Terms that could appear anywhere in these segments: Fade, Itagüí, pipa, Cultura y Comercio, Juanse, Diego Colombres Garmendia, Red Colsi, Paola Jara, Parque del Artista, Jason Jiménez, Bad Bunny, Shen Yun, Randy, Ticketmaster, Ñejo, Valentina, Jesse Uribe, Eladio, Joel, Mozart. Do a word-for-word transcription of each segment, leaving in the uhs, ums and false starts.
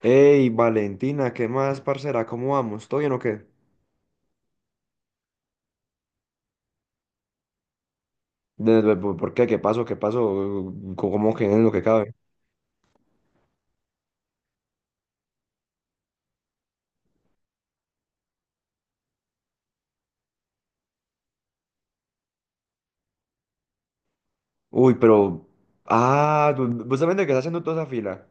Hey, Valentina, ¿qué más, parcera? ¿Cómo vamos? ¿Todo bien o qué? De- de- ¿Por por qué? ¿Qué pasó? ¿Qué pasó? ¿Cómo que es lo que cabe? Uy, pero. Ah, tú- vos también te quedás haciendo toda esa fila.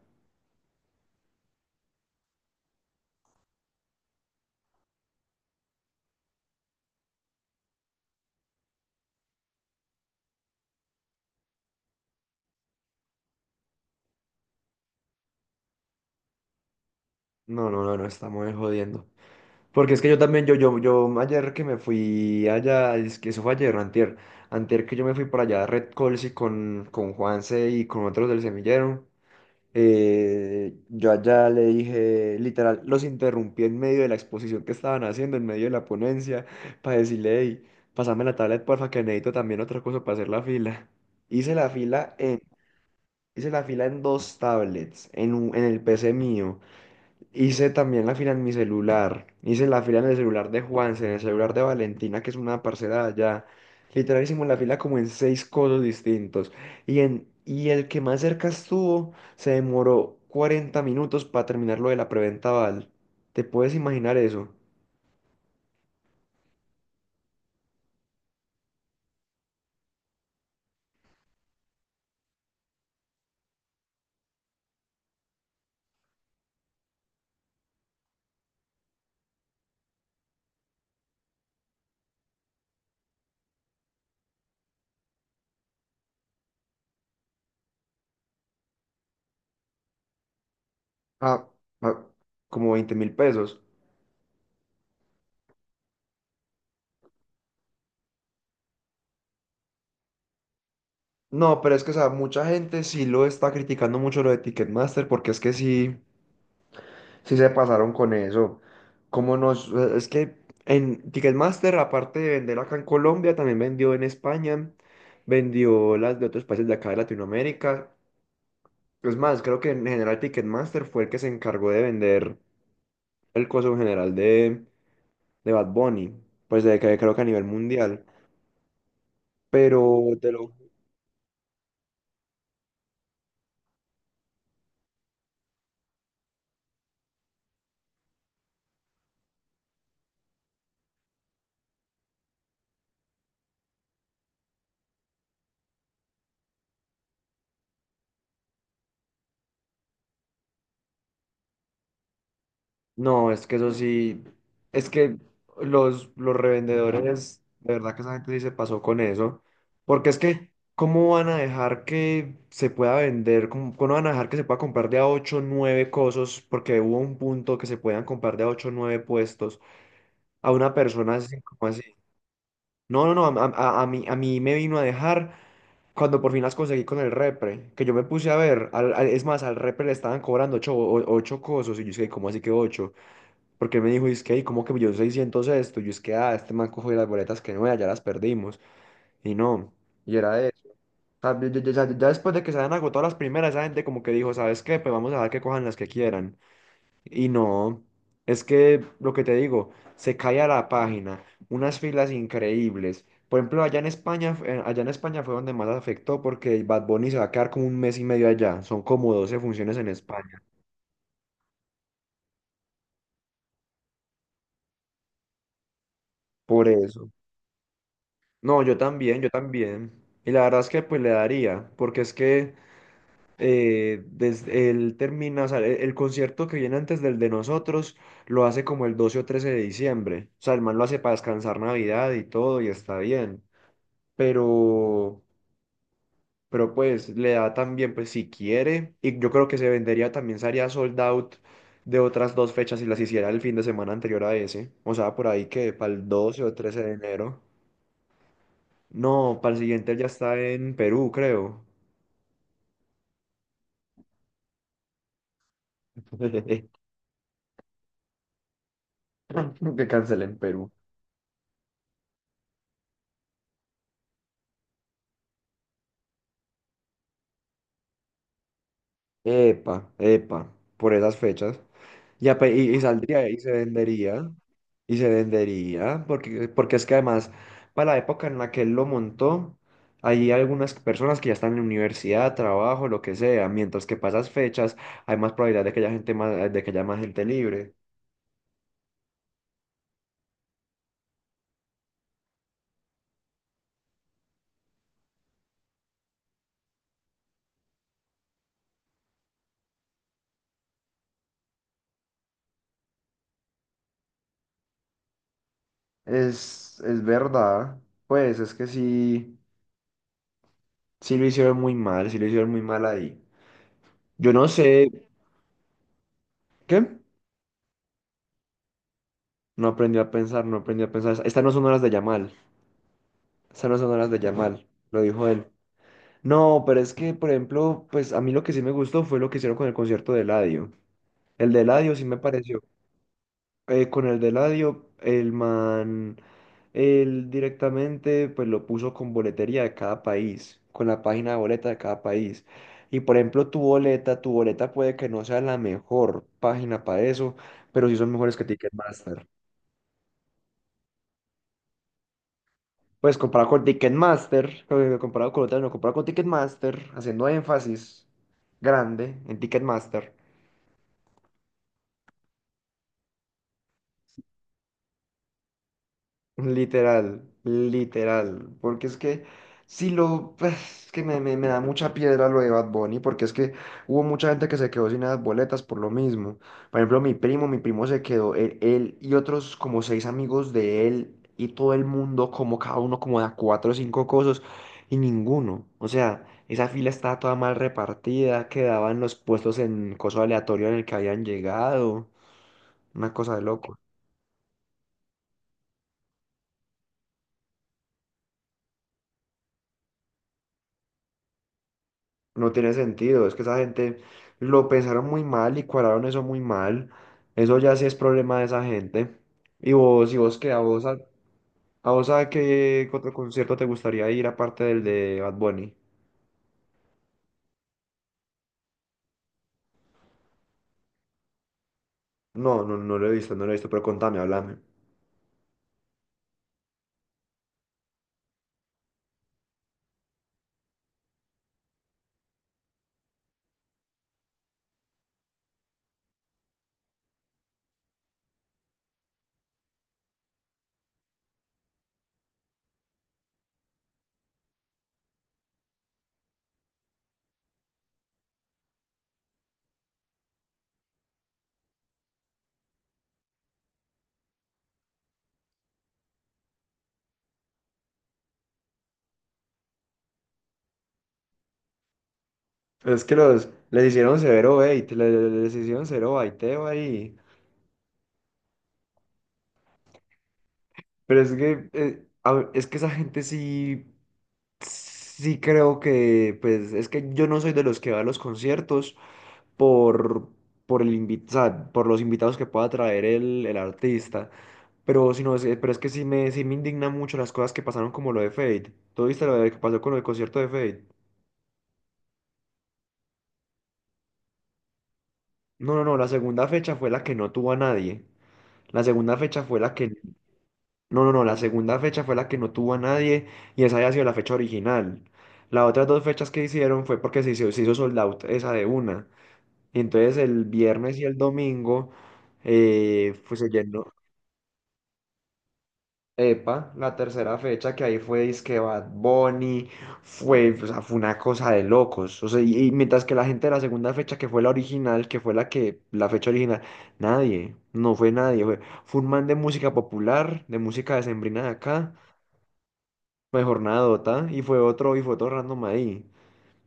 No, no, no, no, estamos ahí jodiendo. Porque es que yo también, yo, yo, yo, ayer que me fui allá, es que eso fue ayer, no, antier, antier que yo me fui para allá a Red Colsi con, con Juanse y con otros del semillero. Eh, yo allá le dije, literal, los interrumpí en medio de la exposición que estaban haciendo, en medio de la ponencia, para decirle, hey, pasame la tablet, porfa, que necesito también otra cosa para hacer la fila. Hice la fila en, Hice la fila en dos tablets, en, un- en el P C mío. Hice también la fila en mi celular. Hice la fila en el celular de Juanse, en el celular de Valentina, que es una parcera de allá. Literal hicimos la fila como en seis codos distintos. Y, en, y el que más cerca estuvo se demoró cuarenta minutos para terminar lo de la preventa, Val. ¿Te puedes imaginar eso? Ah, ah, como veinte mil pesos. No, pero es que, o sea, mucha gente sí lo está criticando mucho lo de Ticketmaster porque es que sí. Sí se pasaron con eso. Como nos, es que en Ticketmaster, aparte de vender acá en Colombia, también vendió en España, vendió las de otros países de acá de Latinoamérica. Es más, creo que en general Ticketmaster fue el que se encargó de vender el coso en general de, de Bad Bunny, pues de que creo que a nivel mundial. Pero te lo No, es que eso sí, es que los, los revendedores, de verdad que esa gente sí se pasó con eso, porque es que, ¿cómo van a dejar que se pueda vender? ¿Cómo, cómo van a dejar que se pueda comprar de a ocho o nueve cosas? Porque hubo un punto que se puedan comprar de a ocho o nueve puestos a una persona así como así. No, no, no, a, a- a mí, a mí me vino a dejar cuando por fin las conseguí con el repre, que yo me puse a ver, al- al- es más, al repre le estaban cobrando ocho o- ocho cosas, y yo dije, ¿cómo así que ocho? Porque él me dijo, es que, "Ey, ¿cómo que yo seiscientos esto? Yo es que, ah, este man cogió las boletas que no, ya las perdimos". Y no, y era eso. O sea, ya, ya- ya- ya después de que se habían agotado las primeras, esa gente como que dijo, ¿sabes qué? Pues vamos a dejar que cojan las que quieran. Y no, es que lo que te digo, se cae a la página, unas filas increíbles. Por ejemplo, allá en España, eh, allá en España fue donde más afectó porque Bad Bunny se va a quedar como un mes y medio allá. Son como doce funciones en España. Por eso. No, yo también, yo también. Y la verdad es que pues le daría, porque es que eh, desde él termina, o sea, e- el, concierto que viene antes del de nosotros lo hace como el doce o trece de diciembre. O sea, el man lo hace para descansar Navidad y todo y está bien. Pero, pero pues le da también, pues si quiere, y yo creo que se vendería también, se haría sold out de otras dos fechas si las hiciera el fin de semana anterior a ese. O sea, por ahí que para el doce o trece de enero. No, para el siguiente ya está en Perú, creo. Que cancelen en Perú. Epa, epa, por esas fechas. Y, ape- y, y saldría y se vendería. Y se vendería, porque, porque es que además, para la época en la que él lo montó, hay algunas personas que ya están en universidad, trabajo, lo que sea, mientras que para esas fechas hay más probabilidad de que haya gente más, de que haya más gente libre. Es, es verdad, pues es que sí, sí lo hicieron muy mal, sí lo hicieron muy mal ahí. Yo no sé qué. No aprendí a pensar, no aprendí a pensar. Estas no son horas de Yamal. Estas no son horas de Yamal, lo dijo él. No, pero es que, por ejemplo, pues a mí lo que sí me gustó fue lo que hicieron con el concierto de Eladio. El de Eladio sí me pareció. Eh, con el de Eladio, el man, él directamente pues lo puso con boletería de cada país, con la página de boleta de cada país. Y por ejemplo, tu boleta, tu boleta puede que no sea la mejor página para eso, pero sí son mejores que Ticketmaster. Pues comparado con Ticketmaster, eh, comparado con otras, no, comparado con Ticketmaster, haciendo énfasis grande en Ticketmaster. Literal, literal, porque es que si lo, pues, es que me, me, me da mucha piedra lo de Bad Bunny, porque es que hubo mucha gente que se quedó sin las boletas por lo mismo. Por ejemplo, mi primo, mi primo se quedó, él, él y otros como seis amigos de él y todo el mundo, como cada uno como de cuatro o cinco cosas, y ninguno. O sea, esa fila estaba toda mal repartida, quedaban los puestos en coso aleatorio en el que habían llegado, una cosa de No tiene sentido, es que esa gente lo pensaron muy mal y cuadraron eso muy mal. Eso ya sí es problema de esa gente. Y vos, y vos qué, a vos a, A vos, a qué otro concierto te gustaría ir aparte del de Bad Bunny. No, no, no lo he visto, no lo he visto, pero contame, háblame. Es que los les hicieron severo bait, le- le- les, hicieron severo baiteo ahí. Pero es que eh, a- es que esa gente sí, sí creo que pues es que yo no soy de los que va a los conciertos. por, por, el invi- o sea, por los invitados que pueda traer el, el artista. Pero, si no, es, pero es que sí me, sí me indigna mucho las cosas que pasaron como lo de Fade. ¿Tú viste lo de- que pasó con el concierto de Fade? No, no, no, la segunda fecha fue la que no tuvo a nadie. La segunda fecha fue la que. No, no, no, la segunda fecha fue la que no tuvo a nadie y esa había sido la fecha original. Las otras dos fechas que hicieron fue porque se hizo, se hizo sold out esa de una. Y entonces el viernes y el domingo, eh, pues se llenó. Epa, la tercera fecha que ahí fue disque Bad Bunny, fue, o sea, fue una cosa de locos. O sea, y, y mientras que la gente de la segunda fecha, que fue la original, que fue la que, la fecha original, nadie, no fue nadie, fue, fue un man de música popular, de música decembrina de acá, mejor nada, y fue otro, y fue otro random ahí.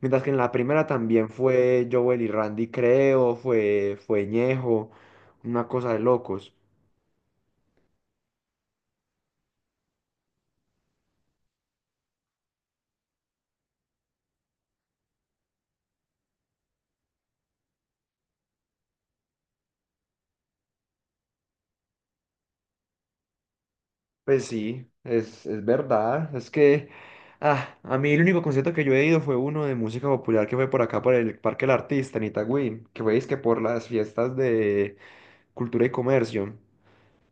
Mientras que en la primera también fue Joel y Randy, creo, fue, fue Ñejo, una cosa de locos. Pues sí, es, es verdad. Es que ah, a mí el único concierto que yo he ido fue uno de música popular que fue por acá, por el Parque del Artista en Itagüí, que fue que por las fiestas de Cultura y Comercio.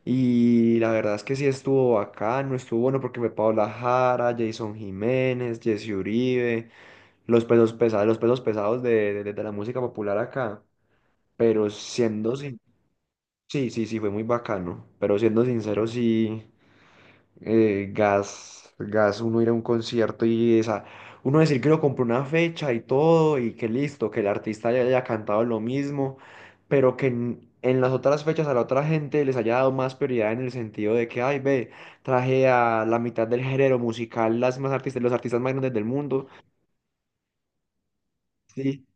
Y la verdad es que sí estuvo bacano, estuvo bueno porque fue Paola Jara, Jason Jiménez, Jesse Uribe, los pesos pesados, los pesos pesados de, de de la música popular acá. Pero siendo, sin- Sí, sí, sí, fue muy bacano. Pero siendo sincero, sí, eh, gas, gas, uno ir a un concierto y esa, uno decir que uno compró una fecha y todo y que listo, que el artista ya haya cantado lo mismo, pero que en, en las otras fechas a la otra gente les haya dado más prioridad en el sentido de que, ay, ve, traje a la mitad del género musical las más artistas, los artistas más grandes del mundo, sí,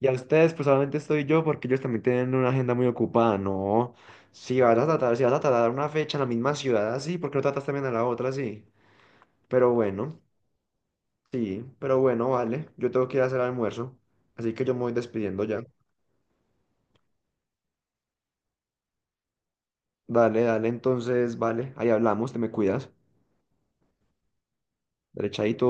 y a ustedes pues solamente estoy yo porque ellos también tienen una agenda muy ocupada, no. Si vas a tratar, si vas a tratar una fecha en la misma ciudad así, ¿por qué no tratas también a la otra así? Pero bueno. Sí, pero bueno, vale. Yo tengo que ir a hacer almuerzo, así que yo me voy despidiendo ya. Dale, dale, entonces, vale. Ahí hablamos, te me cuidas. Derechadito.